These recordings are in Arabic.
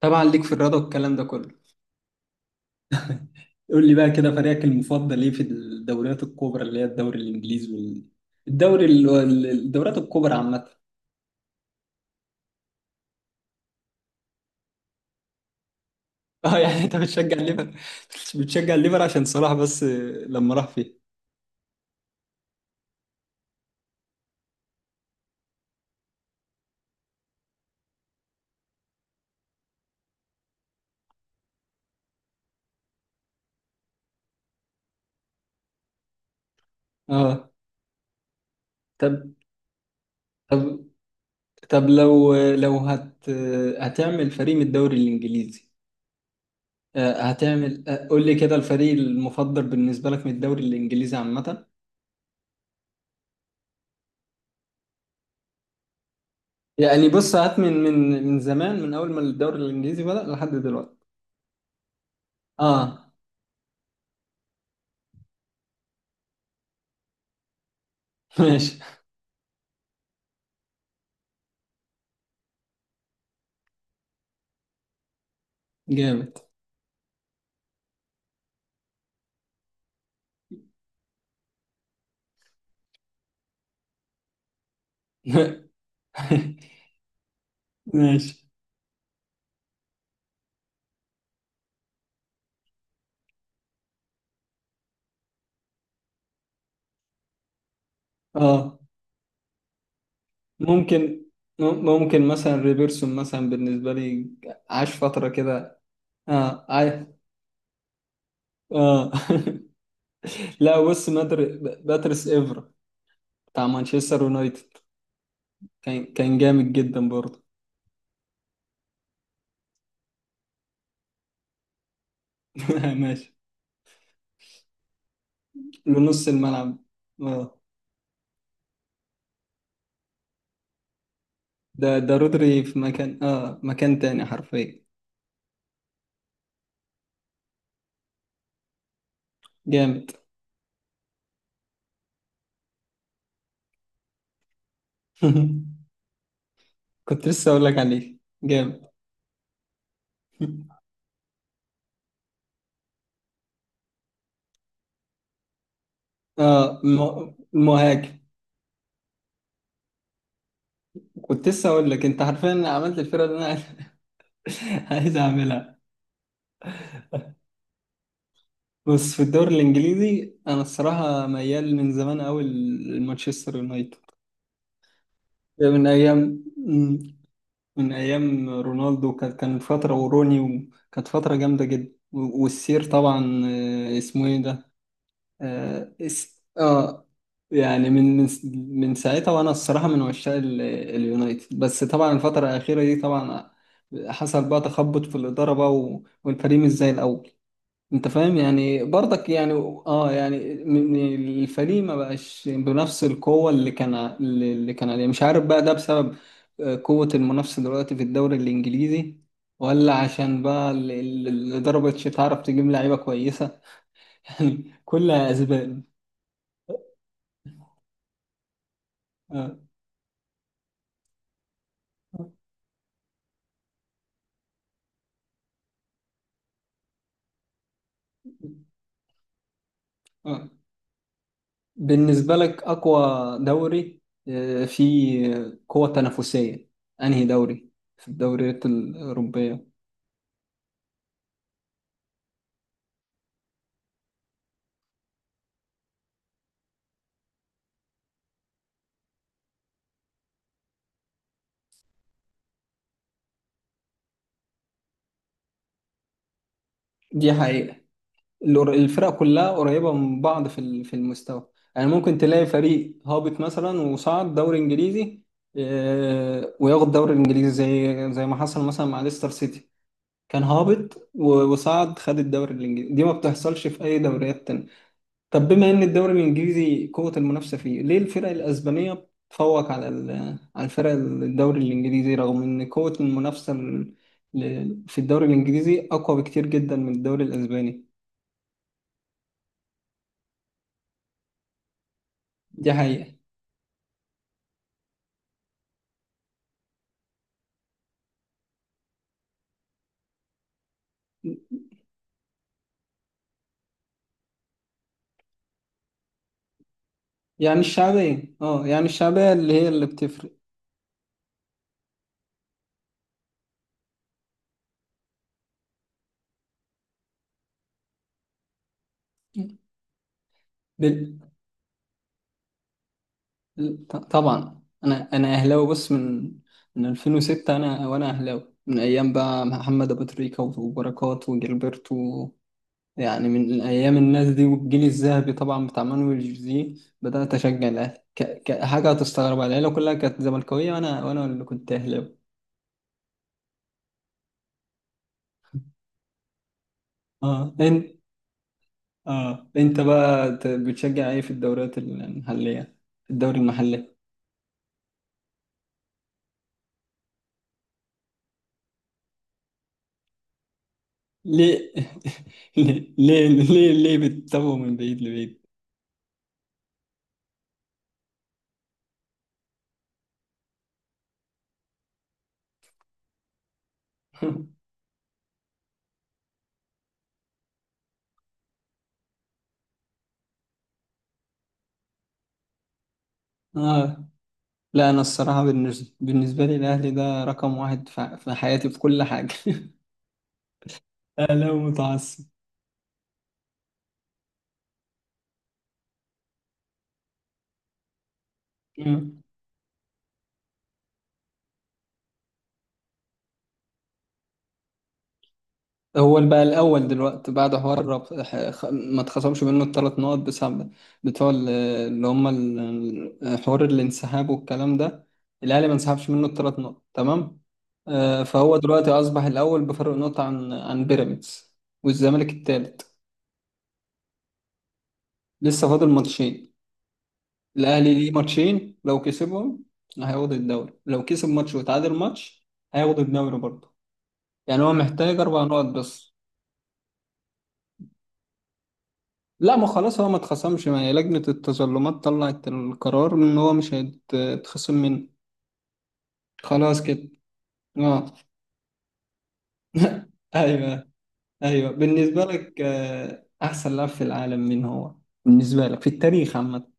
طبعا ليك في الرياضة والكلام ده كله. قول لي بقى كده فريقك المفضل ايه في الدوريات الكبرى اللي هي الدوري الانجليزي الدوريات الكبرى عامه. اه، يعني انت بتشجع الليفر عشان صلاح بس لما راح فيه. اه، طب، طب لو هتعمل فريق من الدوري الانجليزي، هتعمل، قول لي كده الفريق المفضل بالنسبة لك من الدوري الانجليزي عامة. يعني بص، هات من زمان، من اول ما الدوري الانجليزي بدأ لحد دلوقتي. اه، ماشي. جامد. ماشي. اه ممكن، ممكن مثلا ريبيرسون مثلا بالنسبة لي، عاش فترة كده. اه، اه. لا بص، باتريس افرا بتاع مانشستر يونايتد، كان جامد جدا برضه. ماشي. لنص الملعب، اه، ده رودري في مكان، اه، مكان تاني حرفيا. جامد. كنت لسه اقول لك عليه جامد. اه، المهاجم. كنت لسه اقول لك انت حرفيا عملت الفرقه اللي انا عايز اعملها. بص، في الدوري الانجليزي انا الصراحه ميال من زمان قوي لمانشستر يونايتد، من ايام من ايام رونالدو، كانت فتره وروني، وكانت فتره جامده جدا، والسير طبعا، اسمه ايه ده؟ اه, اس... آه يعني من ساعتها، وانا الصراحه من عشاق اليونايتد، بس طبعا الفتره الاخيره دي طبعا حصل بقى تخبط في الاداره بقى والفريق مش زي الاول، انت فاهم يعني برضك. يعني اه يعني، الفريق ما بقاش بنفس القوة اللي كان عليه، مش عارف بقى ده بسبب قوة المنافسة دلوقتي في الدوري الانجليزي، ولا عشان بقى الإدارة مبقتش تعرف تجيب لعيبة كويسة. يعني كلها أسباب. آه. آه. بالنسبة لك أقوى دوري، فيه قوة تنافسية، أنهي دوري في الدوريات الأوروبية؟ دي حقيقة. الفرق كلها قريبة من بعض في في المستوى، يعني ممكن تلاقي فريق هابط مثلا وصعد دوري انجليزي، وياخد دوري الانجليزي زي ما حصل مثلا مع ليستر سيتي، كان هابط وصعد، خد الدوري الانجليزي. دي ما بتحصلش في اي دوريات تانية. طب بما ان الدوري الانجليزي قوة المنافسة فيه، ليه الفرق الاسبانية بتفوق على على الفرق الدوري الانجليزي رغم ان قوة المنافسة في الدوري الانجليزي اقوى بكتير جدا من الدوري الاسباني؟ دي حقيقة. يعني الشعبية، اه يعني الشعبية اللي هي اللي بتفرق. بال... طبعا انا اهلاوي، بص، من 2006، انا وانا اهلاوي من ايام بقى محمد ابو تريكة وبركات وجilberto، يعني من ايام الناس دي والجيل الذهبي طبعا بتاع مانويل جوزيه. بدات اشجع الاهلي كحاجه هتستغربها، العيله كلها كانت زملكاويه، وانا اللي كنت اهلاوي. اه انت، اه انت بقى بتشجع ايه في الدوريات المحليه، الدوري المحلي؟ ليه؟ ليه ليه بتتابعه من بعيد لبعيد؟ اه. لا، انا الصراحه بالنسبه لي الاهلي ده رقم واحد في حياتي، في كل حاجه. اهلاوي متعصب. مم. هو اللي بقى الاول دلوقتي بعد حوار ما اتخصمش منه الثلاث نقط، بسبب بتوع اللي هم حوار الانسحاب والكلام ده. الاهلي ما انسحبش منه الثلاث نقط، تمام. فهو دلوقتي اصبح الاول بفرق نقطه عن بيراميدز، والزمالك الثالث. لسه فاضل ماتشين. الاهلي ليه ماتشين، لو كسبهم هياخد الدوري، لو كسب ماتش وتعادل ماتش هياخد الدوري برضه. يعني هو محتاج 4 نقط بس. لا، ما خلاص، هو ما اتخصمش، ما هي لجنة التظلمات طلعت القرار ان هو مش هيتخصم منه، خلاص كده. اه. ايوه، ايوه. بالنسبة لك، احسن لاعب في العالم مين هو، بالنسبة لك في التاريخ عامة؟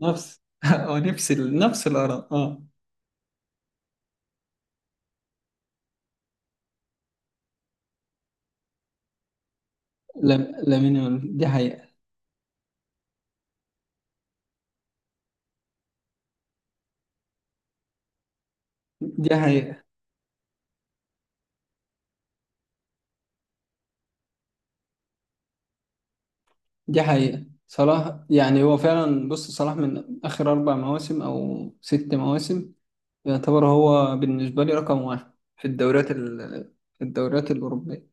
نفس نفس الآراء، اه. لامين يامال، دي حقيقة. دي حقيقة. دي حقيقة. صلاح يعني هو فعلا، بص، صلاح من آخر 4 مواسم أو 6 مواسم، يعتبر هو بالنسبة لي رقم واحد في الدوريات في الدوريات الأوروبية،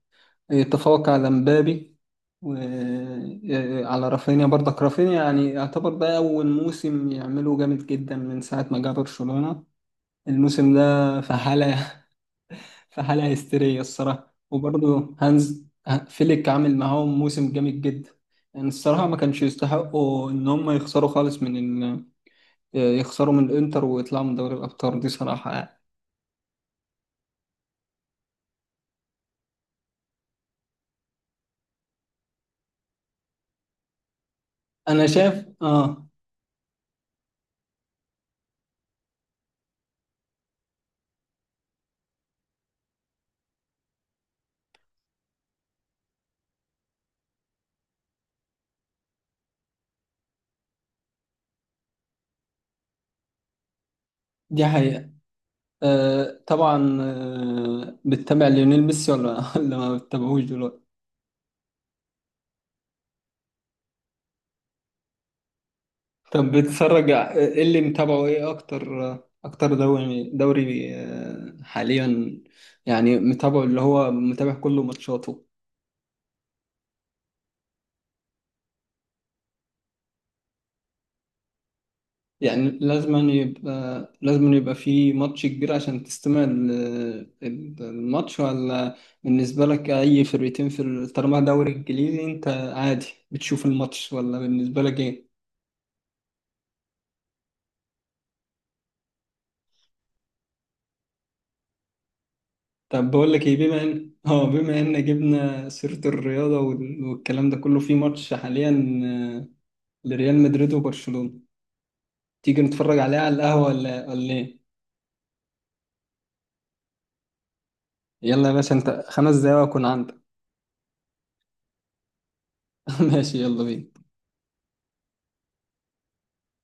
يتفوق على مبابي وعلى رافينيا. برضك رافينيا يعني يعتبر ده أول موسم يعمله جامد جدا من ساعة ما جه برشلونة. الموسم ده في حالة هستيرية الصراحة. وبرضه هانز فليك عامل معاهم موسم جامد جدا. يعني الصراحة ما كانش يستحقوا إن هم يخسروا خالص من ال... يخسروا من الإنتر ويطلعوا من دوري الأبطال، دي صراحة يعني. أنا شايف. آه. دي حقيقة. آه، طبعا، بتتابع ليونيل ميسي، ولا ولا ما بتتابعوش دلوقتي؟ طب بتتفرج، إيه اللي متابعه إيه أكتر، أكتر دوري حاليا، يعني متابعه اللي هو متابع كل ماتشاته؟ يعني لازم يبقى في ماتش كبير عشان تستمع الماتش، ولا بالنسبة لك أي فرقتين في طالما دوري إنجليزي أنت عادي بتشوف الماتش، ولا بالنسبة لك إيه؟ طب بقول لك إيه، بما إن بما إن جبنا سيرة الرياضة والكلام ده كله، في ماتش حاليا لريال مدريد وبرشلونة، تيجي نتفرج عليه على القهوة، ولا إيه؟ يلا يا باشا، أنت 5 دقايق وأكون عندك. ماشي، يلا بينا.